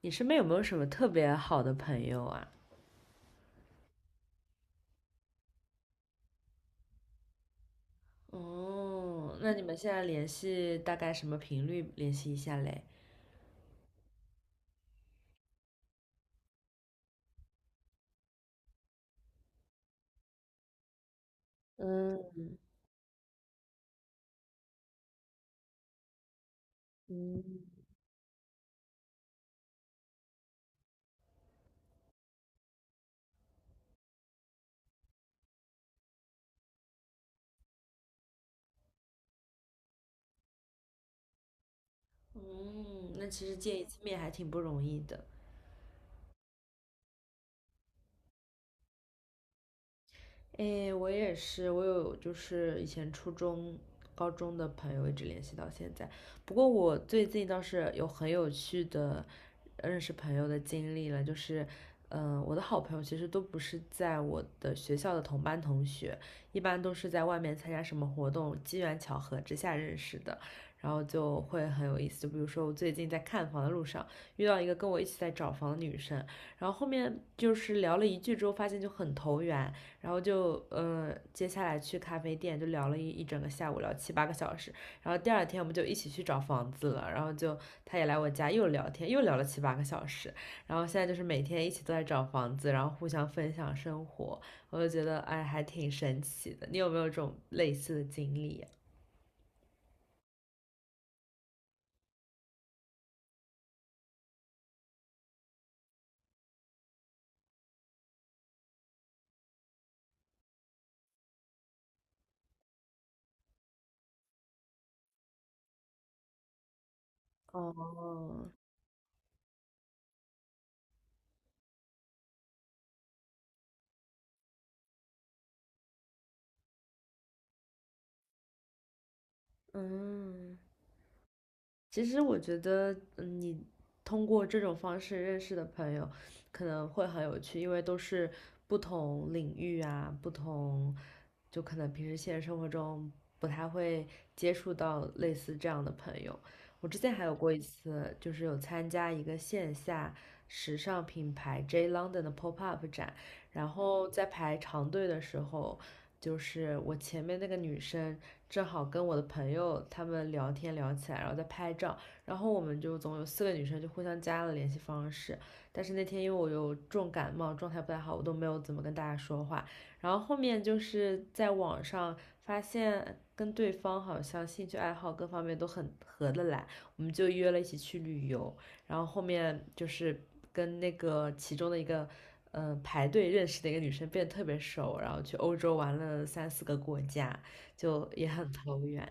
你身边有没有什么特别好的朋友啊？哦，那你们现在联系大概什么频率联系一下嘞？嗯嗯，嗯，那其实见一次面还挺不容易的。哎，我也是，我有就是以前初中、高中的朋友一直联系到现在。不过我最近倒是有很有趣的认识朋友的经历了，就是，我的好朋友其实都不是在我的学校的同班同学，一般都是在外面参加什么活动，机缘巧合之下认识的，然后就会很有意思。就比如说我最近在看房的路上遇到一个跟我一起在找房的女生，然后后面就是聊了一句之后，发现就很投缘，然后就嗯，接下来去咖啡店就聊了一整个下午，聊七八个小时。然后第二天我们就一起去找房子了，然后就他也来我家又聊天，又聊了七八个小时。然后现在就是每天一起都在找房子，然后互相分享生活，我就觉得哎，还挺神奇的。你有没有这种类似的经历哦，嗯。其实我觉得，嗯，你通过这种方式认识的朋友，可能会很有趣，因为都是不同领域啊，不同，就可能平时现实生活中不太会接触到类似这样的朋友。我之前还有过一次，就是有参加一个线下时尚品牌 J London 的 pop up 展，然后在排长队的时候，就是我前面那个女生正好跟我的朋友他们聊天聊起来，然后在拍照，然后我们就总有四个女生就互相加了联系方式。但是那天因为我有重感冒，状态不太好，我都没有怎么跟大家说话。然后后面就是在网上发现跟对方好像兴趣爱好各方面都很合得来，我们就约了一起去旅游。然后后面就是跟那个其中的一个排队认识的一个女生变得特别熟，然后去欧洲玩了三四个国家，就也很投缘。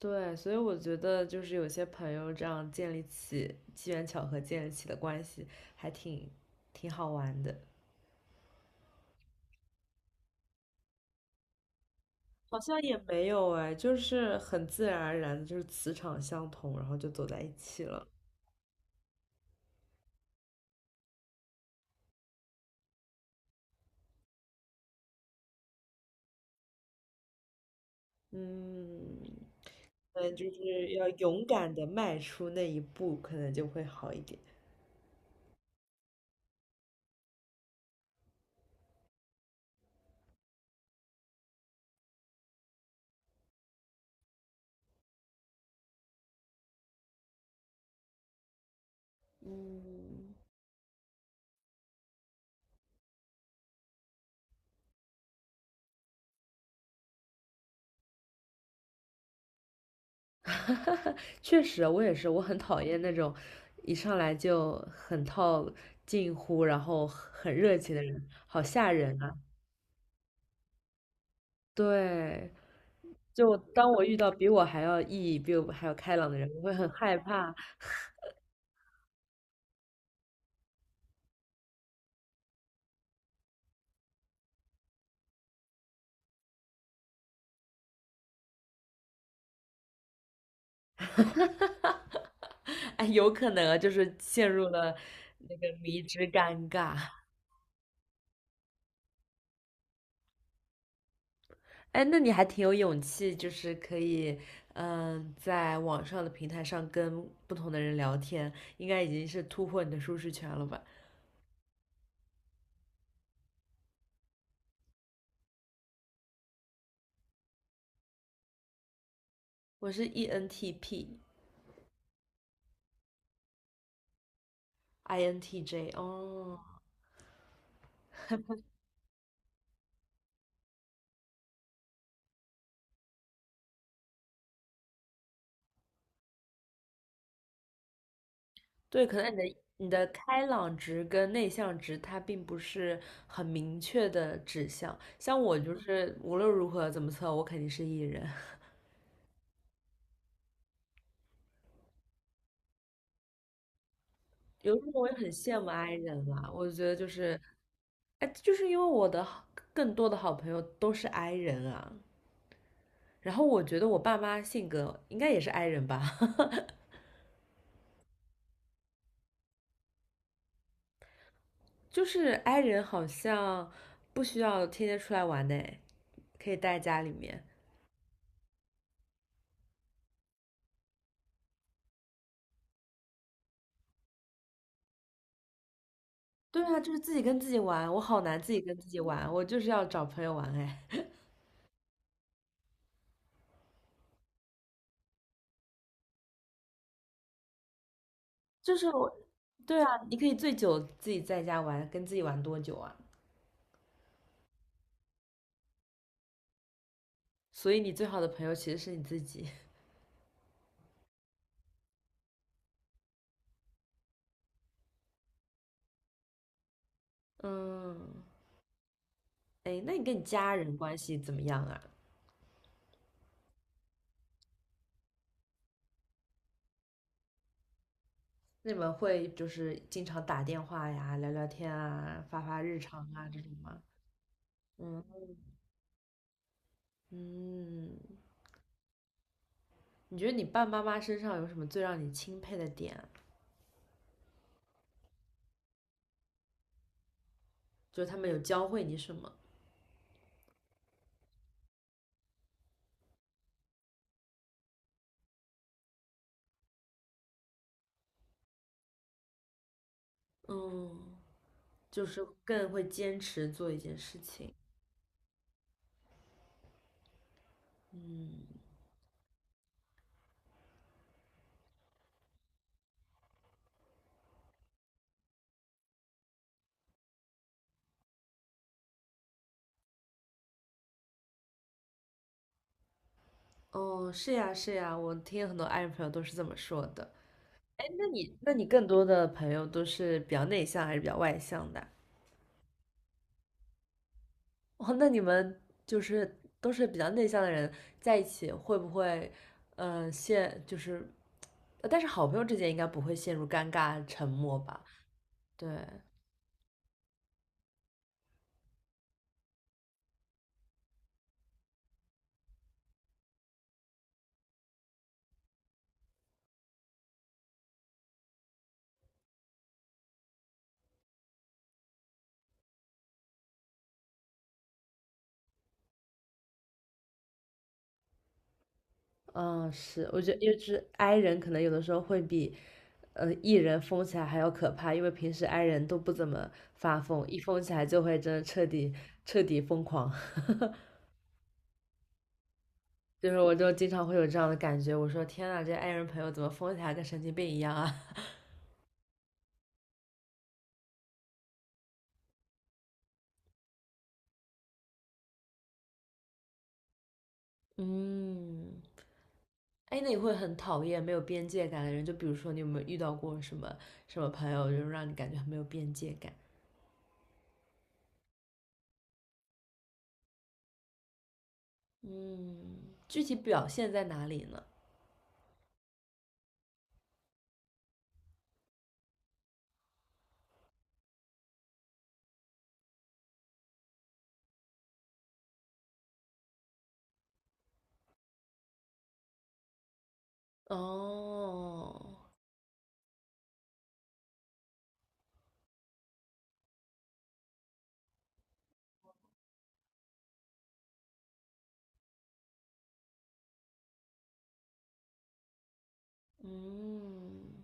对，所以我觉得就是有些朋友这样建立起机缘巧合建立起的关系，还挺好玩的。好像也没有哎，就是很自然而然的，就是磁场相同，然后就走在一起了。嗯，嗯，就是要勇敢的迈出那一步，可能就会好一点。嗯，确实，我也是，我很讨厌那种一上来就很套近乎，然后很热情的人，好吓人啊！对，就当我遇到比我还要意义、比我还要开朗的人，我会很害怕。哎，有可能啊，就是陷入了那个迷之尴尬。哎，那你还挺有勇气，就是可以，在网上的平台上跟不同的人聊天，应该已经是突破你的舒适圈了吧？我是 ENTP，INTJ，哦，对，可能你的你的开朗值跟内向值它并不是很明确的指向，像我就是无论如何怎么测，我肯定是 E 人。有时候我也很羡慕 I 人啦，我觉得就是，哎，就是因为我的好更多的好朋友都是 I 人啊，然后我觉得我爸妈性格应该也是 i 人吧，就是 i 人好像不需要天天出来玩呢，可以待在家里面。对啊，就是自己跟自己玩，我好难自己跟自己玩，我就是要找朋友玩哎。就是我，对啊，你可以最久自己在家玩，跟自己玩多久啊？所以你最好的朋友其实是你自己。嗯，哎，那你跟你家人关系怎么样啊？那你们会就是经常打电话呀，聊聊天啊，发发日常啊这种吗？嗯嗯，你觉得你爸爸妈妈身上有什么最让你钦佩的点啊就是他们有教会你什么？嗯，就是更会坚持做一件事情。嗯，哦，是呀是呀，我听很多爱人朋友都是这么说的。哎，那你那你更多的朋友都是比较内向还是比较外向的啊哦，那你们就是都是比较内向的人在一起，会不会，呃，陷就是，呃但是好朋友之间应该不会陷入尴尬沉默吧？对，嗯，是，我觉得，因为就是 i 人可能有的时候会比，呃，e 人疯起来还要可怕，因为平时 i 人都不怎么发疯，一疯起来就会真的彻底疯狂。就是我就经常会有这样的感觉，我说天呐，这 i 人朋友怎么疯起来跟神经病一样啊？嗯，哎，那你会很讨厌没有边界感的人？就比如说，你有没有遇到过什么朋友，就是让你感觉很没有边界感？嗯，具体表现在哪里呢？哦，嗯，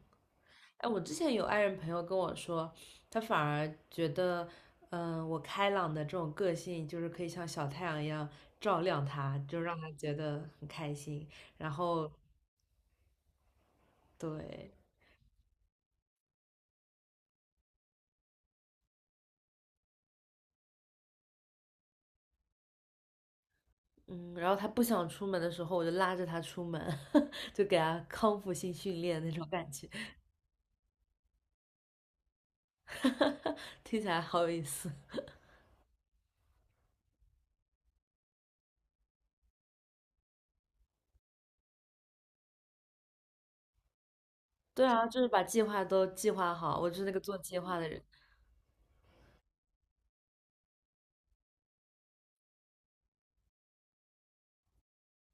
哎，我之前有爱人朋友跟我说，他反而觉得，我开朗的这种个性，就是可以像小太阳一样照亮他，就让他觉得很开心。然后，对，嗯，然后他不想出门的时候，我就拉着他出门，就给他康复性训练那种感觉，听起来好有意思。对啊，就是把计划都计划好，我就是那个做计划的人，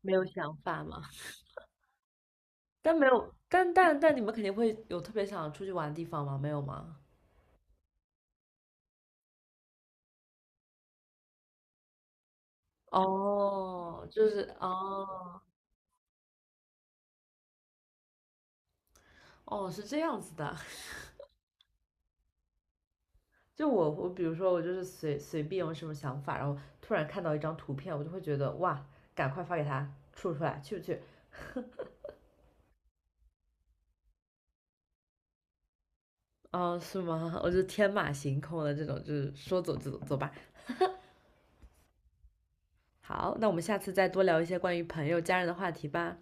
没有想法嘛。但没有，但你们肯定会有特别想出去玩的地方吗？没有吗？哦，就是哦哦，是这样子的。就我比如说我就是随随便有什么想法，然后突然看到一张图片，我就会觉得哇，赶快发给他出来，去不去？哦，是吗？我就天马行空的这种，就是说走就走，走吧。好，那我们下次再多聊一些关于朋友、家人的话题吧。